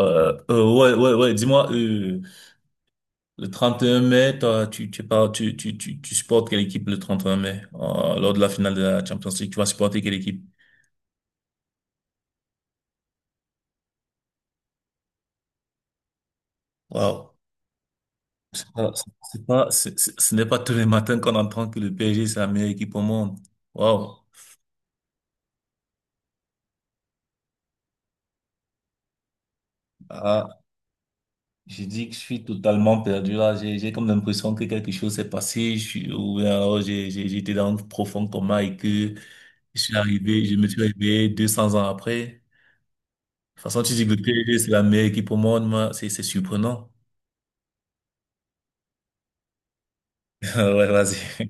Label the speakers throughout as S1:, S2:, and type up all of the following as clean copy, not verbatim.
S1: Ouais, ouais, ouais. Dis-moi, le 31 mai, toi, tu, pars- tu supportes quelle équipe le 31 mai, lors de la finale de la Champions League, tu vas supporter quelle équipe? Waouh. C'est pas, c'est pas, c'est- Ce n'est pas tous les matins qu'on entend que le PSG, c'est la meilleure équipe au monde. Waouh. Ah, j'ai dit que je suis totalement perdu là. J'ai comme l'impression que quelque chose s'est passé. Ou bien alors j'étais dans un profond coma et que je me suis réveillé 200 ans après. De toute façon, tu dis que le PLD, c'est la meilleure équipe au monde, moi, c'est surprenant. Ouais, vas-y.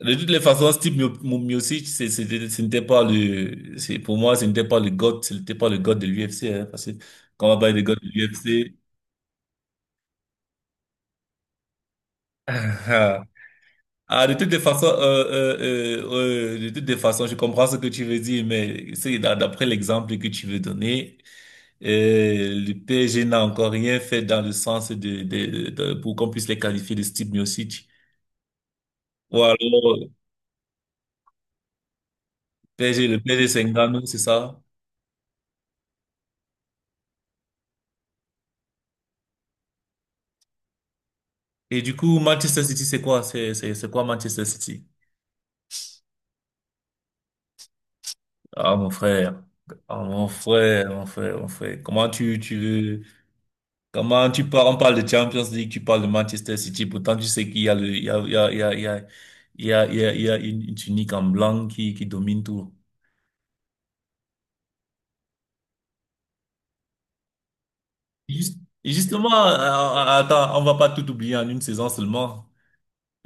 S1: De toutes les façons, Miocic, ce n'était pas le, c'est, pour moi, ce n'était pas ce n'était pas le god de l'UFC, hein, parce que quand on va parler de god de l'UFC, ah, ah, de toutes les façons, euh, euh, de toutes les façons, je comprends ce que tu veux dire, mais c'est d'après l'exemple que tu veux donner, le PSG n'a encore rien fait dans le sens pour qu'on puisse les qualifier de Steve Miocic. Ou alors, P. S G. c'est Ngannou, c'est ça. Et du coup, Manchester City, c'est quoi? C'est quoi Manchester City? Ah, mon frère. Ah, mon frère, mon frère, mon frère. Comment tu parles, on parle de Champions League, tu parles de Manchester City, pourtant tu sais qu'il y a le, il y a, il y a, il y a, il y a, il y a, il y a, il y a une tunique en blanc qui domine tout. Juste- Justement, attends, on va pas tout oublier en une saison seulement.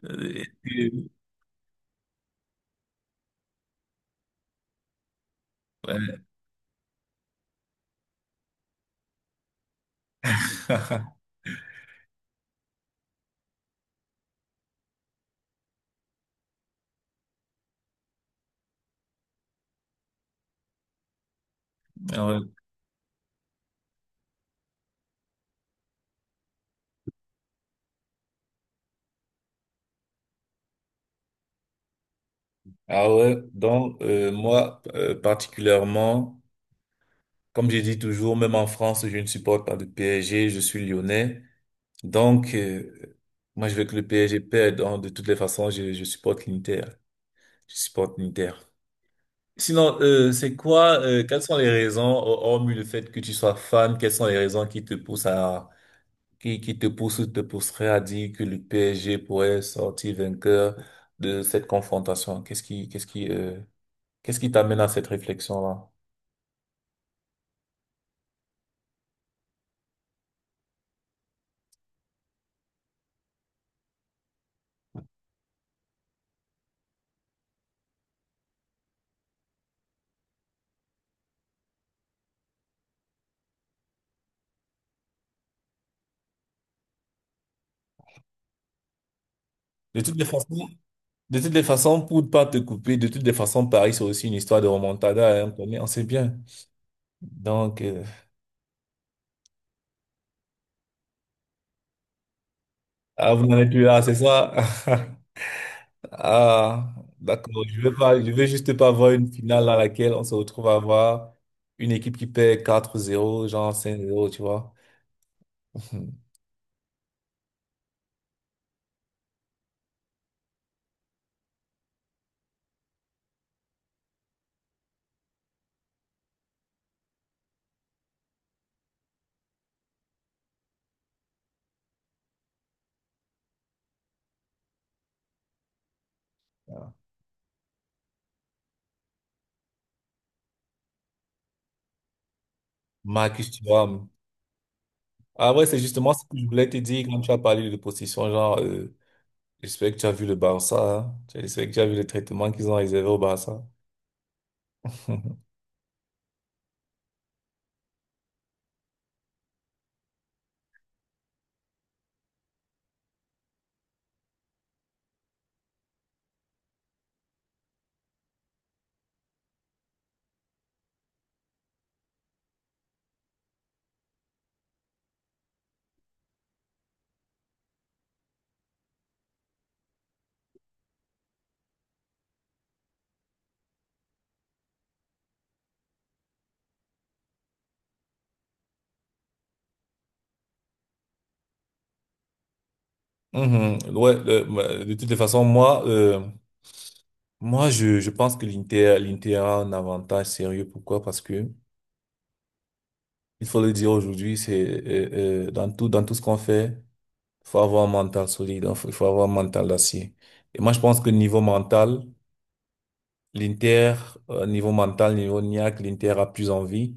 S1: Euh, et- Ouais. Ah ouais, donc moi, particulièrement, comme j'ai dit toujours, même en France, je ne supporte pas le PSG, je suis lyonnais. Donc, moi je veux que le PSG perde, donc de toutes les façons, je supporte l'Inter. Je supporte l'Inter. Sinon, c'est quoi, quelles sont les raisons, hormis le fait que tu sois fan, quelles sont les raisons qui te poussent à, qui te poussent ou te pousseraient à dire que le PSG pourrait sortir vainqueur de cette confrontation? Qu'est-ce qui t'amène à cette réflexion-là? De toutes les Bon, façons, de toutes les façons, pour ne pas te couper, de toutes les façons, Paris, c'est aussi une histoire de remontada, hein, on connaît, on sait bien. Donc, euh, ah, vous n'en êtes plus là, c'est ça? Ah, d'accord, je veux juste pas voir une finale dans laquelle on se retrouve à avoir une équipe qui perd 4-0, genre 5-0, tu vois. Voilà. Marcus Thuram. Ah ouais, c'est justement ce que je voulais te dire quand tu as parlé de possession. J'espère que tu as vu le Barça, hein. J'espère que tu as vu les traitements qu'ils ont réservés au Barça. Mhm. Ouais, de toutes les façons, moi, je pense que l'Inter a un avantage sérieux. Pourquoi? Parce que, il faut le dire aujourd'hui, dans tout ce qu'on fait, il faut avoir un mental solide, il faut avoir un mental d'acier. Et moi, je pense que l'Inter, niveau mental, niveau niaque, l'Inter a plus envie.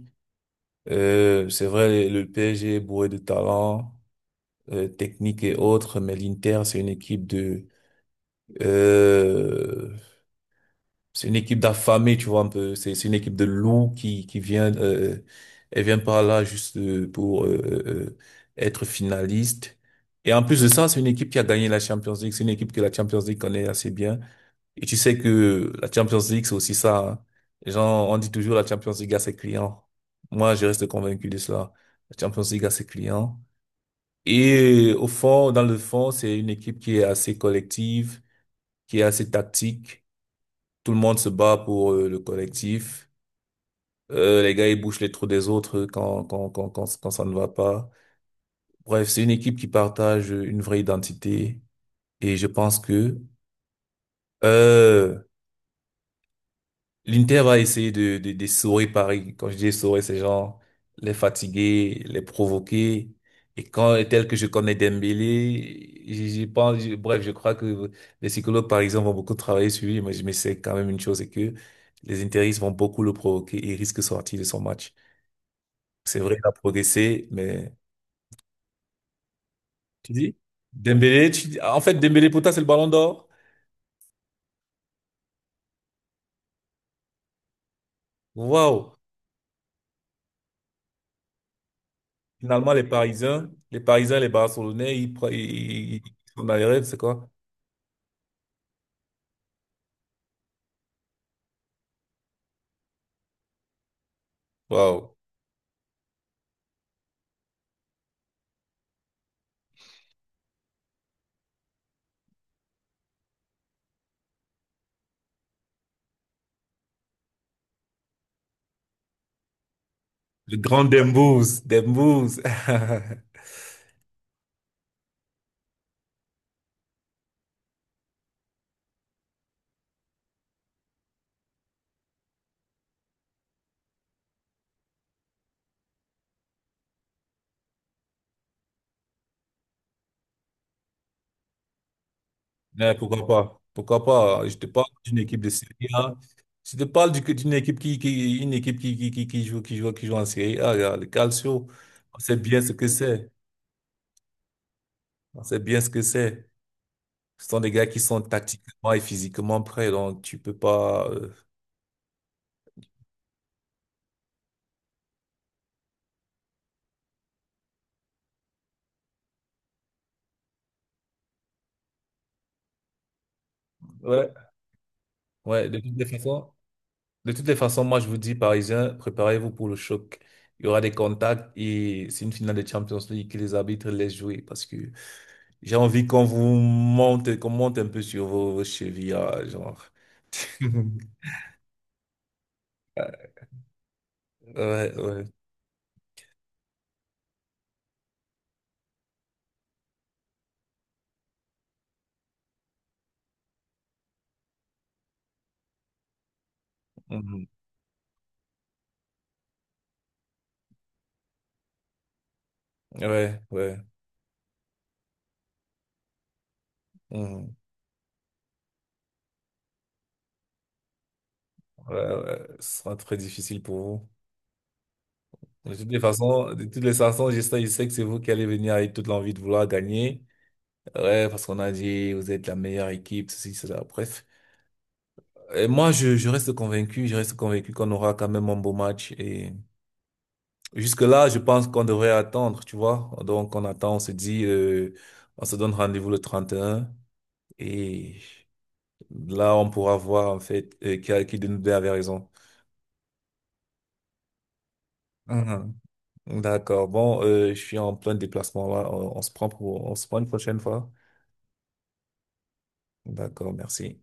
S1: C'est vrai, le PSG est bourré de talent, technique et autres, mais l'Inter, euh, c'est une équipe d'affamés, tu vois, un peu, c'est une équipe de loups elle vient par là juste pour euh, être finaliste. Et en plus de ça, c'est une équipe qui a gagné la Champions League, c'est une équipe que la Champions League connaît assez bien. Et tu sais que la Champions League, c'est aussi ça, hein. Les gens, on dit toujours la Champions League a ses clients. Moi, je reste convaincu de cela. La Champions League a ses clients. Et au fond, dans le fond, c'est une équipe qui est assez collective, qui est assez tactique. Tout le monde se bat pour le collectif. Les gars, ils bouchent les trous des autres quand ça ne va pas. Bref, c'est une équipe qui partage une vraie identité. Et je pense que euh, l'Inter va essayer de saurer Paris. Quand je dis saurer, c'est genre les fatiguer, les provoquer. Et quand, tel que je connais Dembélé, bref, je crois que les psychologues parisiens vont beaucoup travailler sur lui, mais je me sais quand même une chose, c'est que les interistes vont beaucoup le provoquer et il risque de sortir de son match. C'est vrai, il a progressé, mais tu dis, Dembélé, tu dis- en fait, Dembélé pour toi, c'est le ballon d'or. Waouh! Finalement, les Barcelonais, ils, pre- ils, ils ils sont dans les rêves, c'est quoi? Waouh. Le grand Dembouz. Dembouz. Mais pourquoi pas? Pourquoi pas? Je te parle d'une équipe de Serie A. Je te parle d'une équipe une équipe qui joue en Serie A. Regarde, le Calcio. On sait bien ce que c'est. On sait bien ce que c'est. Ce sont des gars qui sont tactiquement et physiquement prêts. Donc, tu peux pas. Ouais. Ouais, de toutes les façons, moi je vous dis, Parisiens, préparez-vous pour le choc. Il y aura des contacts et c'est une finale de Champions League que les arbitres laissent jouer, parce que j'ai envie qu'on vous monte, qu'on monte un peu sur vos chevilles, ah, genre. Ouais, ouais, ouais. Mhm. Ouais, ouais. Mhm. Ouais, ouais. Ce sera très difficile pour vous. De toutes les façons, je sais que c'est vous qui allez venir avec toute l'envie de vouloir gagner. Ouais, parce qu'on a dit, vous êtes la meilleure équipe, ceci, cela, bref. Et moi, je reste convaincu, je reste convaincu qu'on aura quand même un beau match et. Jusque-là, je pense qu'on devrait attendre, tu vois. Donc, on attend, on se dit, on se donne rendez-vous le 31 et un et là, on pourra voir, en fait, qui de nous deux avait raison. Mhm. D'accord. Bon, je suis en plein déplacement là. On on se prend une prochaine fois. D'accord, merci.